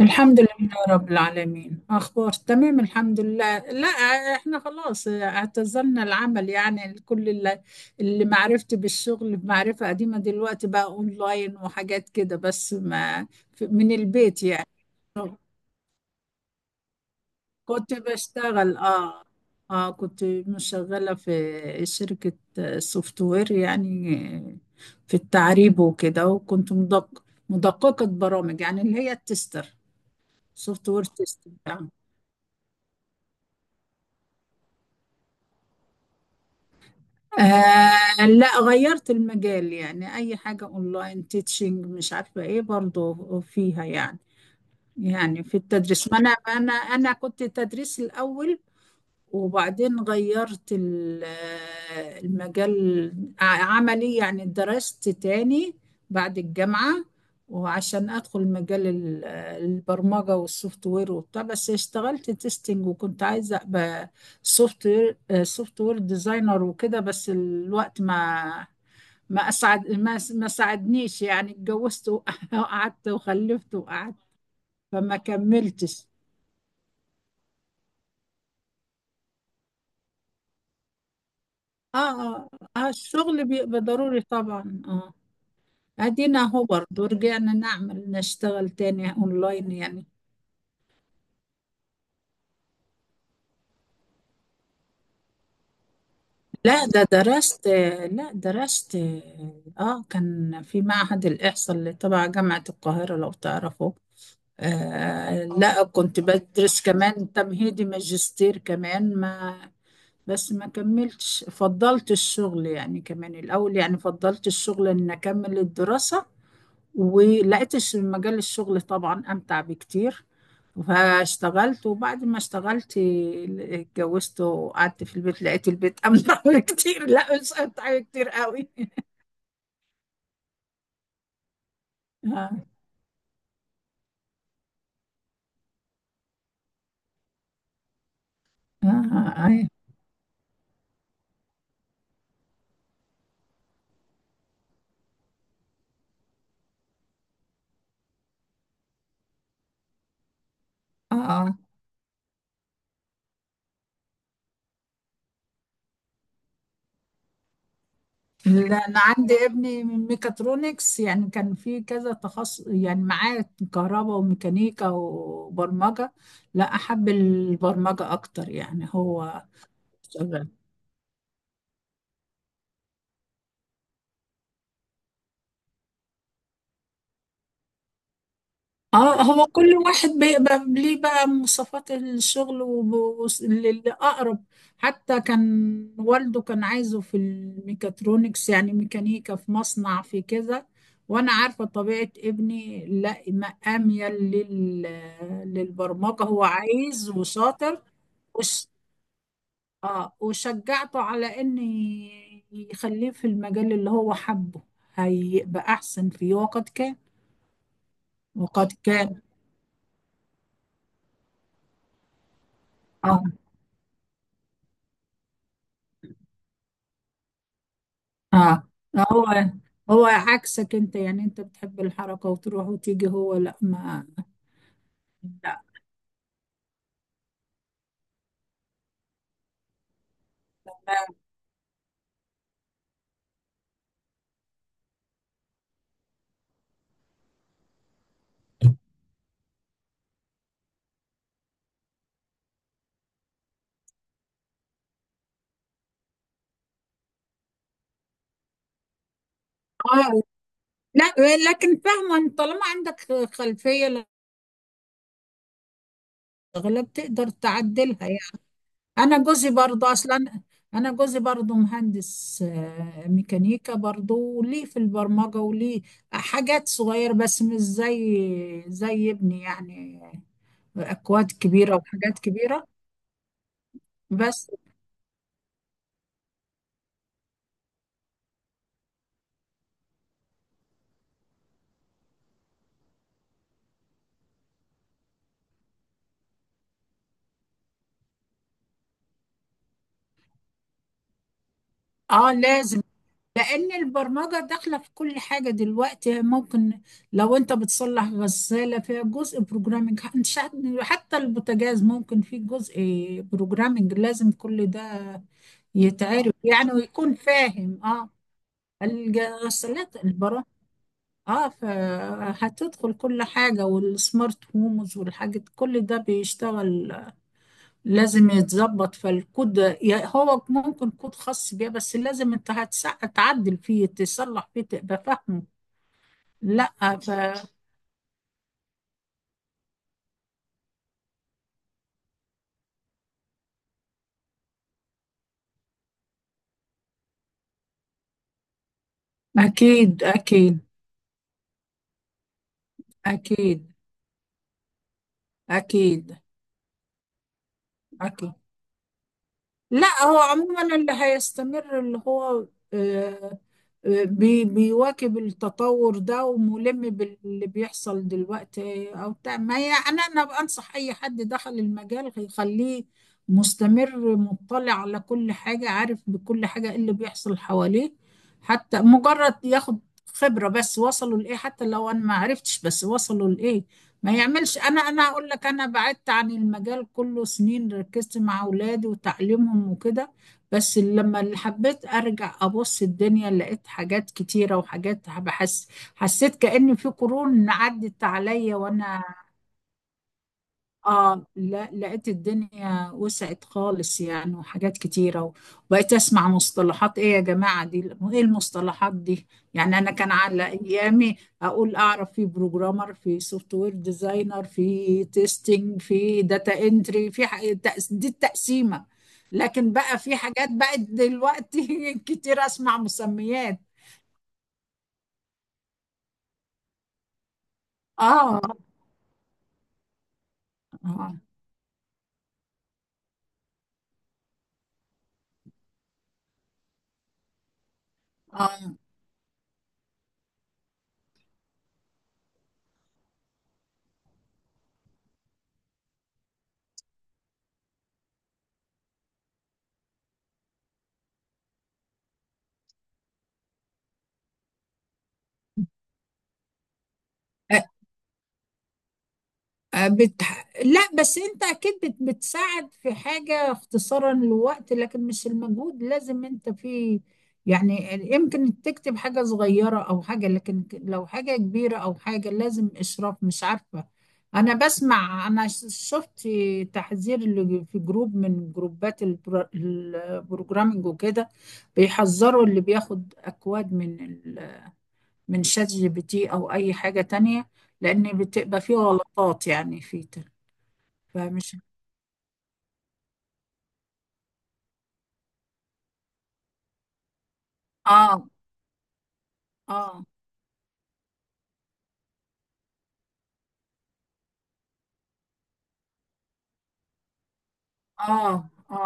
الحمد لله رب العالمين، أخبار تمام، الحمد لله. لا، إحنا خلاص اعتزلنا العمل، يعني كل اللي معرفتي بالشغل بمعرفة قديمة، دلوقتي بقى أونلاين وحاجات كده، بس ما من البيت يعني. كنت بشتغل، آه. كنت مشغلة في شركة سوفت وير، يعني في التعريب وكده، وكنت مدققة برامج، يعني اللي هي التستر، سوفت وير تيستر. آه، لا، غيرت المجال، يعني أي حاجة أونلاين تيتشنج، مش عارفة إيه برضو فيها يعني. في التدريس، ما أنا كنت تدريس الأول. وبعدين غيرت المجال عملي، يعني درست تاني بعد الجامعة، وعشان أدخل مجال البرمجة والسوفت وير وبتاع. بس اشتغلت تيستنج، وكنت عايزة أبقى سوفت وير سوفت وير ديزاينر وكده، بس الوقت ما ما أسعد ما ما ساعدنيش يعني. اتجوزت وقعدت وخلفت وقعدت، فما كملتش. اه، اه، آه، الشغل بيبقى ضروري طبعا، اه. ادينا اهو برضه، رجعنا نشتغل تاني اونلاين يعني. لا، ده درست لا درست. اه، كان في معهد الاحصاء اللي تبع جامعة القاهرة لو تعرفه. آه، لا، كنت بدرس كمان تمهيدي ماجستير كمان ما بس ما كملتش، فضلت الشغل يعني كمان الاول، يعني فضلت الشغل ان اكمل الدراسة، ولقيتش مجال الشغل طبعا امتع بكتير. فاشتغلت، وبعد ما اشتغلت اتجوزت وقعدت في البيت، لقيت البيت امتع بكتير لا، مش امتع بكتير قوي اه، اه. آه. لا، انا عندي ابني من ميكاترونكس، يعني كان في كذا تخصص يعني معاه، كهرباء وميكانيكا وبرمجة. لا، احب البرمجة اكتر يعني، هو شغال. اه، هو كل واحد بيبقى ليه بقى مواصفات الشغل والأقرب. حتى كان والده كان عايزه في الميكاترونكس، يعني ميكانيكا في مصنع في كذا، وانا عارفة طبيعة ابني، لا ما اميل للبرمجة، هو عايز وشاطر. وش... اه وشجعته على ان يخليه في المجال اللي هو حبه، هيبقى احسن فيه. وقد كان. اه، اه، هو هو عكسك انت، يعني انت بتحب الحركة وتروح وتيجي، هو لا ما لا، اه، لا، لكن فاهمة ان طالما عندك خلفية، الاغلب تقدر تعدلها يعني. انا جوزي برضو اصلا، انا جوزي برضو مهندس ميكانيكا برضو، وليه في البرمجة وليه حاجات صغيرة، بس مش زي ابني يعني، اكواد كبيرة وحاجات كبيرة. بس اه لازم، لأن البرمجة داخلة في كل حاجة دلوقتي. ممكن لو أنت بتصلح غسالة فيها جزء بروجرامنج، حتى البوتاجاز ممكن فيه جزء بروجرامنج، لازم كل ده يتعرف يعني، ويكون فاهم الغسالات البرامج. اه فهتدخل كل حاجة، والسمارت هومز والحاجات كل ده بيشتغل لازم يتظبط فالكود، هو ممكن كود خاص بيه، بس لازم انت تعدل فيه تصلح فيه تبقى فاهمه. لا. ف... أكيد، أكيد، أكيد، أكيد، أكيد. لا، هو عموما اللي هيستمر اللي هو آه، بيواكب التطور ده، وملم باللي بيحصل دلوقتي أو بتاع. ما هي أنا بنصح أي حد دخل المجال يخليه مستمر مطلع على كل حاجة، عارف بكل حاجة إيه اللي بيحصل حواليه، حتى مجرد ياخد خبرة بس وصلوا لإيه، حتى لو أنا ما عرفتش بس وصلوا لإيه ما يعملش. انا اقول لك انا بعدت عن المجال كله سنين، ركزت مع اولادي وتعليمهم وكده. بس لما اللي حبيت ارجع ابص الدنيا، لقيت حاجات كتيرة وحاجات بحس، حسيت كأن في قرون عدت عليا وانا. اه، لا، لقيت الدنيا وسعت خالص يعني وحاجات كتيرة، وبقيت اسمع مصطلحات، ايه يا جماعة دي، ايه المصطلحات دي. يعني انا كان على ايامي اقول اعرف في بروجرامر في سوفت وير ديزاينر في تيستنج في داتا انتري دي التقسيمة. لكن بقى في حاجات بقت دلوقتي كتير اسمع مسميات. اه، اه، اه. آه، بت... لا بس انت اكيد بتساعد في حاجة اختصارا للوقت، لكن مش المجهود. لازم انت في، يعني يمكن تكتب حاجة صغيرة او حاجة، لكن لو حاجة كبيرة او حاجة لازم اشراف، مش عارفة. انا شفت تحذير اللي في جروب من جروبات البروجرامينج وكده، بيحذروا اللي بياخد اكواد من شات جي بي تي او اي حاجة تانية، لان بتبقى فيه غلطات يعني فمش. اه، اه، اه، اه،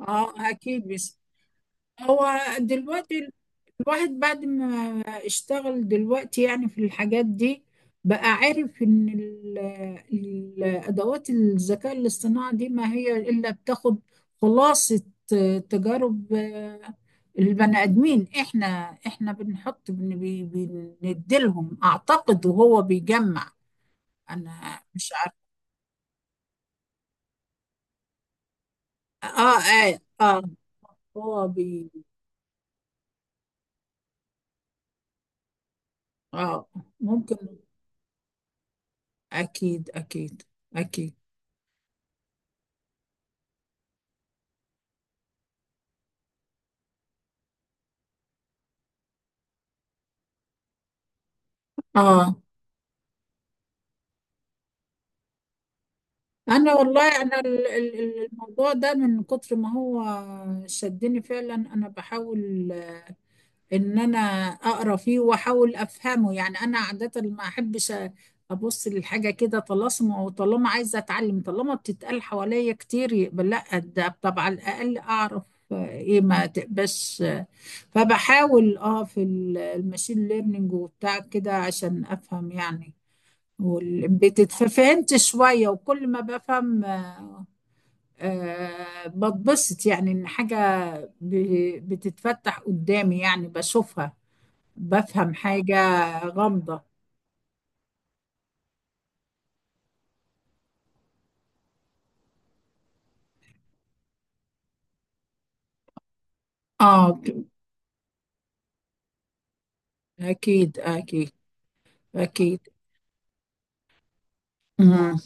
اه، اكيد، بس هو دلوقتي الواحد بعد ما اشتغل دلوقتي يعني في الحاجات دي، بقى عارف ان الادوات الذكاء الاصطناعي دي ما هي الا بتاخد خلاصة، تجارب، البني ادمين. احنا بنحط بنديلهم اعتقد وهو بيجمع. انا مش عارفه. اه، اه، اه. هو بي اه ممكن، اكيد، اكيد، اكيد، اه. انا والله انا ال- ال- ال- الموضوع ده من كتر ما هو شدني فعلا. انا بحاول ان انا اقرا فيه واحاول افهمه يعني. انا عادة ما احبش ابص للحاجة كده طلاسم، طالما عايزة اتعلم طالما بتتقال حواليا كتير يبقى لا، ده طب على الاقل اعرف ايه ما تبقاش. فبحاول في الماشين ليرنينج وبتاع كده عشان افهم يعني، والامبيدد، ففهمت شوية. وكل ما بفهم بتبسط، يعني ان حاجة بتتفتح قدامي يعني بشوفها، بفهم حاجة غامضة. اه، اكيد، اكيد، اكيد. مم.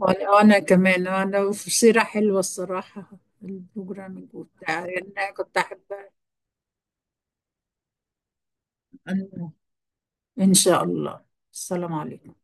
وانا كمان في سيرة حلوة الصراحة، البروجرامينج وبتاع يعني انا كنت احبها. ان إن شاء الله، السلام عليكم.